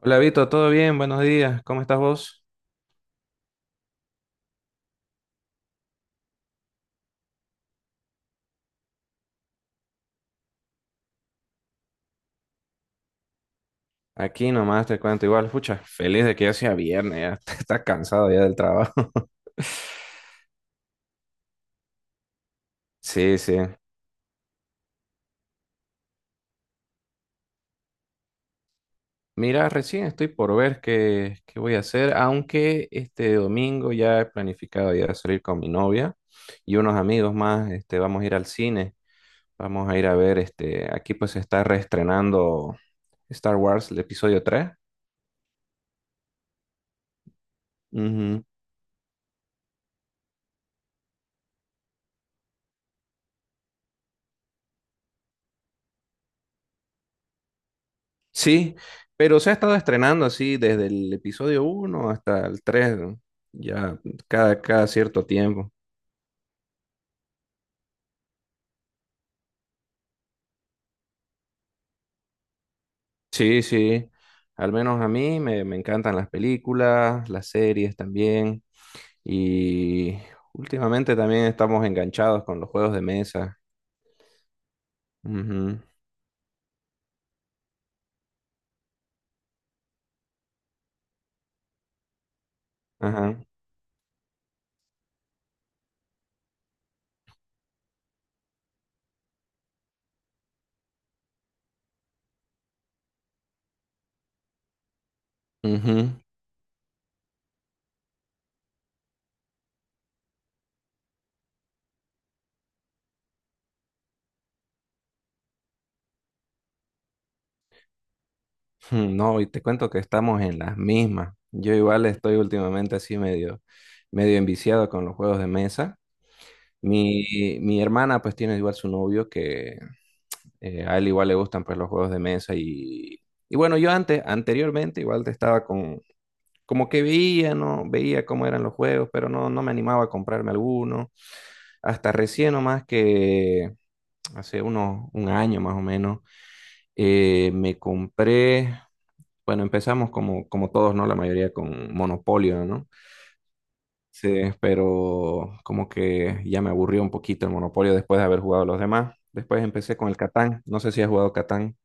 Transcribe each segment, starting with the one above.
Hola Vito, ¿todo bien? Buenos días, ¿cómo estás vos? Aquí nomás te cuento igual, pucha, feliz de que ya sea viernes, ya estás cansado ya del trabajo. Sí, sí. Mira, recién estoy por ver qué voy a hacer, aunque este domingo ya he planificado ya salir con mi novia y unos amigos más, este, vamos a ir al cine, vamos a ir a ver, este, aquí pues se está reestrenando Star Wars, el episodio 3. Sí, pero se ha estado estrenando así desde el episodio uno hasta el tres, ¿no? Ya cada cierto tiempo. Sí, sí, al menos a mí me encantan las películas, las series también, y últimamente también estamos enganchados con los juegos de mesa. Ujú. Ajá. Ujú. No, y te cuento que estamos en las mismas. Yo igual estoy últimamente así medio enviciado con los juegos de mesa. Mi hermana pues tiene igual su novio que a él igual le gustan pues los juegos de mesa y bueno, yo antes, anteriormente igual te estaba con, como que veía, ¿no? Veía cómo eran los juegos, pero no, no me animaba a comprarme alguno. Hasta recién nomás que hace un año más o menos, me compré, bueno, empezamos como, como todos, ¿no? La mayoría con Monopolio, ¿no? Sí, pero como que ya me aburrió un poquito el Monopolio después de haber jugado los demás. Después empecé con el Catán. No sé si has jugado Catán.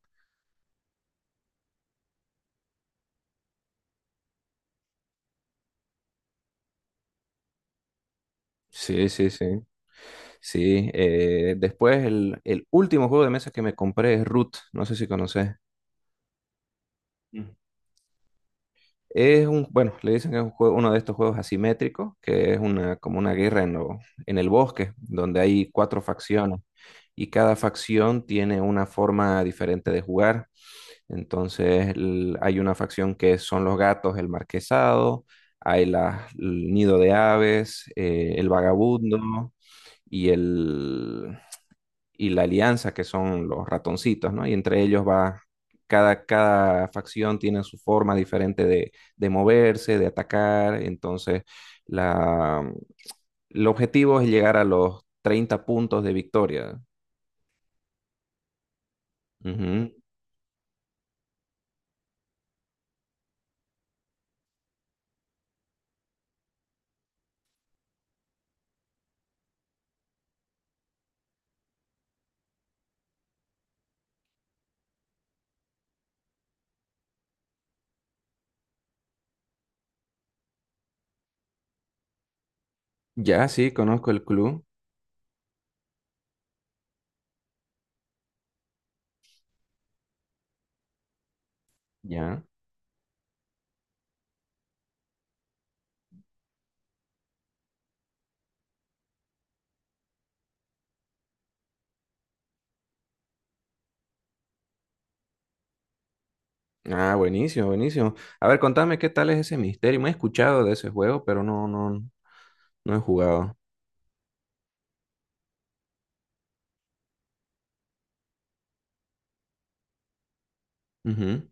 Sí, sí, sí. Sí. Después el último juego de mesa que me compré es Root. No sé si conoces. Mm. Es un, bueno, le dicen que es un uno de estos juegos asimétricos, que es una, como una guerra en el bosque, donde hay cuatro facciones y cada facción tiene una forma diferente de jugar. Entonces hay una facción que son los gatos, el marquesado, hay la el nido de aves, el vagabundo y, el, y la alianza, que son los ratoncitos, ¿no? Y entre ellos va, cada facción tiene su forma diferente de moverse, de atacar. Entonces la, el objetivo es llegar a los 30 puntos de victoria. Ujú. Ya, sí, conozco el club. Ya. Ah, buenísimo, buenísimo. A ver, contame qué tal es ese misterio. Me he escuchado de ese juego, pero no he jugado. Ujú,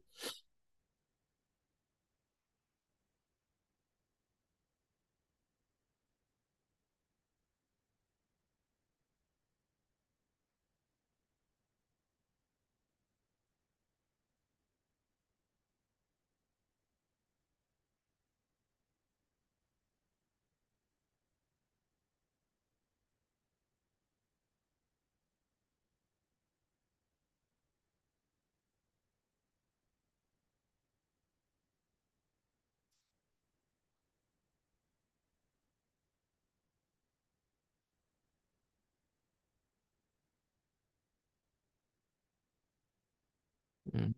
mm,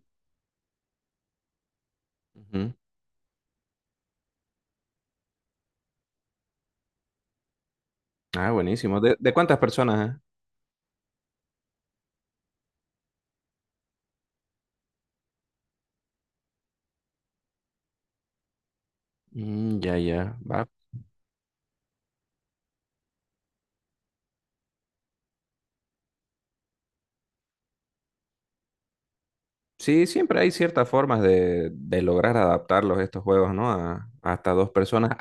ujú. Ah, buenísimo. De cuántas personas, eh? Mm, ya, ya. Va. Sí, siempre hay ciertas formas de lograr adaptarlos estos juegos, ¿no? A, hasta dos personas.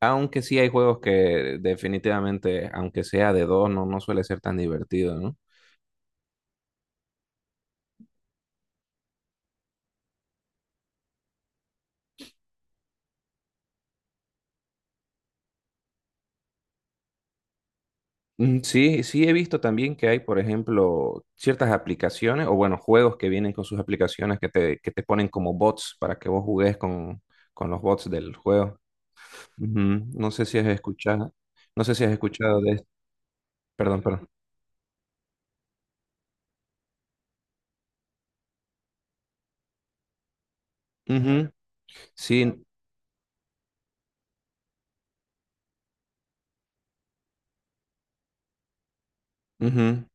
Aunque sí hay juegos que definitivamente, aunque sea de dos, no, no suele ser tan divertido, ¿no? Sí, sí he visto también que hay, por ejemplo, ciertas aplicaciones o bueno, juegos que vienen con sus aplicaciones que te ponen como bots para que vos jugues con los bots del juego. Ujú. No sé si has escuchado, no sé si has escuchado de esto. Perdón, perdón. Ujú. Sí, ujú.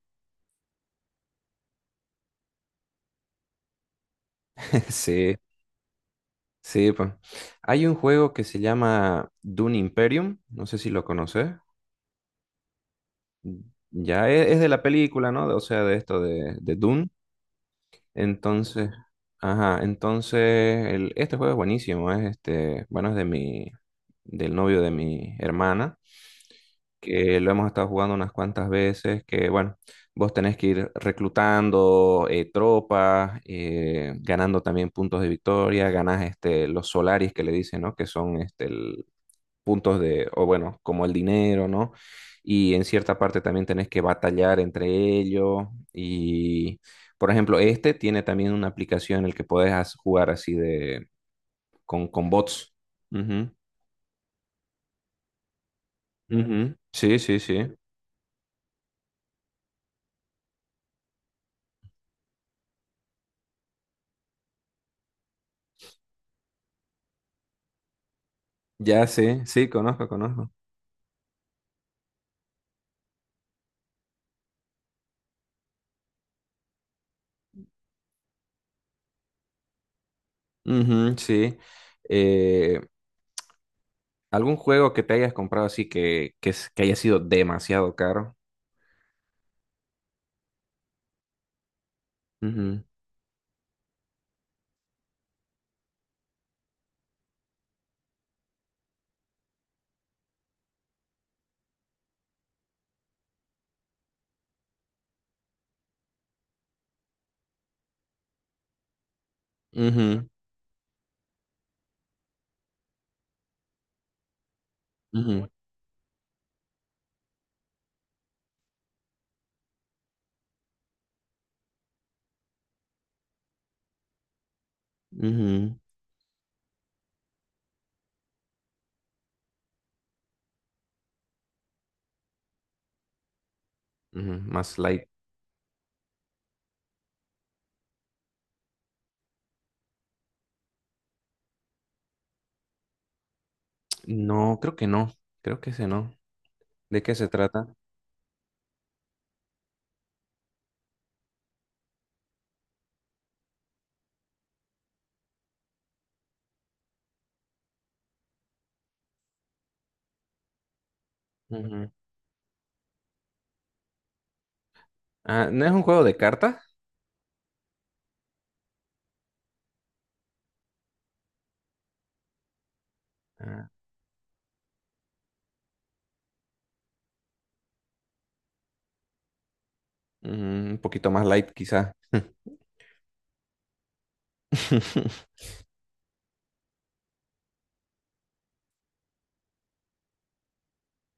Sí, sí, pues. Hay un juego que se llama Dune Imperium, no sé si lo conoces. Ya es de la película, ¿no? O sea, de esto de Dune. Entonces, ajá, entonces el, este juego es buenísimo, es este, bueno, es de mi, del novio de mi hermana, que lo hemos estado jugando unas cuantas veces, que bueno, vos tenés que ir reclutando tropas, ganando también puntos de victoria, ganás este, los solaris que le dicen, ¿no? Que son este, puntos de, o bueno, como el dinero, ¿no? Y en cierta parte también tenés que batallar entre ellos. Y, por ejemplo, este tiene también una aplicación en la que podés jugar así de, con bots. Ujú, ujú. Sí, sí, sí. Ya sé, sí, conozco, conozco. Ujú, sí. Eh, ¿Algún juego que te hayas comprado así que haya sido demasiado caro? Ujú, ujú, ujú, ujú, ujú. Más light. No, creo que no. Creo que ese no. ¿De qué se trata? Ujú. Ah, ¿no es un juego de cartas? Ah, un poquito más light, quizá.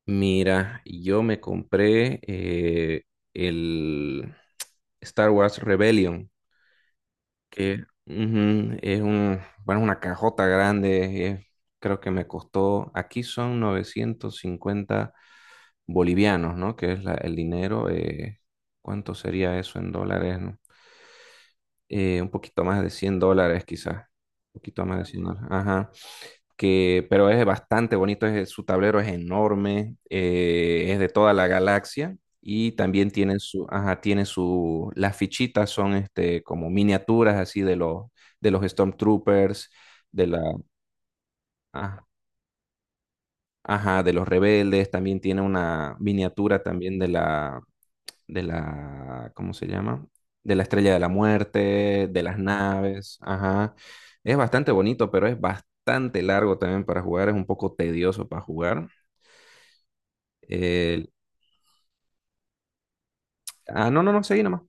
Mira, yo me compré el Star Wars Rebellion, que ujú, es un, bueno, una cajota grande. Creo que me costó, aquí son 950 bolivianos, ¿no? Que es el dinero. ¿Cuánto sería eso en dólares? ¿No? Un poquito más de 100 dólares quizás, un poquito más de 100 dólares, ajá, que, pero es bastante bonito, su tablero es enorme, es de toda la galaxia y también tiene su, ajá, tiene su, las fichitas son este, como miniaturas así de los Stormtroopers, de la, ah, ajá, de los rebeldes, también tiene una miniatura también de la, ¿cómo se llama? De la estrella de la muerte, de las naves, ajá. Es bastante bonito, pero es bastante largo también para jugar, es un poco tedioso para jugar. El- ah, no, no, no, seguí nomás.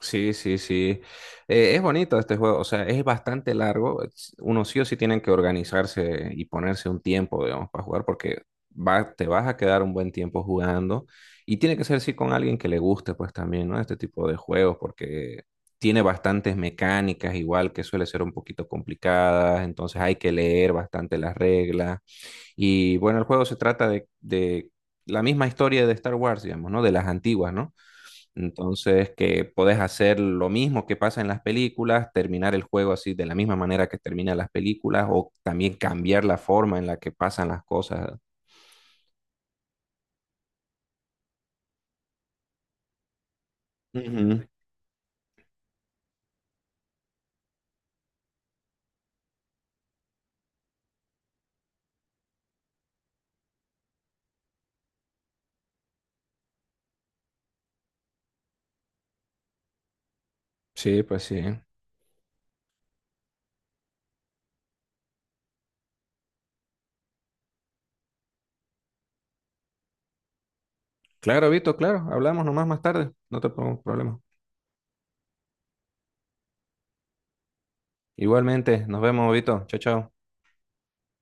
Sí, sí, sí. Es bonito este juego, o sea, es bastante largo. Uno sí o sí tienen que organizarse y ponerse un tiempo, digamos, para jugar, porque va, te vas a quedar un buen tiempo jugando. Y tiene que ser sí con alguien que le guste, pues también, ¿no? Este tipo de juegos, porque tiene bastantes mecánicas, igual que suele ser un poquito complicadas, entonces hay que leer bastante las reglas. Y bueno, el juego se trata de la misma historia de Star Wars, digamos, ¿no? De las antiguas, ¿no? Entonces, que podés hacer lo mismo que pasa en las películas, terminar el juego así de la misma manera que terminan las películas o también cambiar la forma en la que pasan las cosas. Ujú. Sí, pues sí. Claro, Vito, claro. Hablamos nomás más tarde. No te pongo problema. Igualmente, nos vemos, Vito. Chao, chao.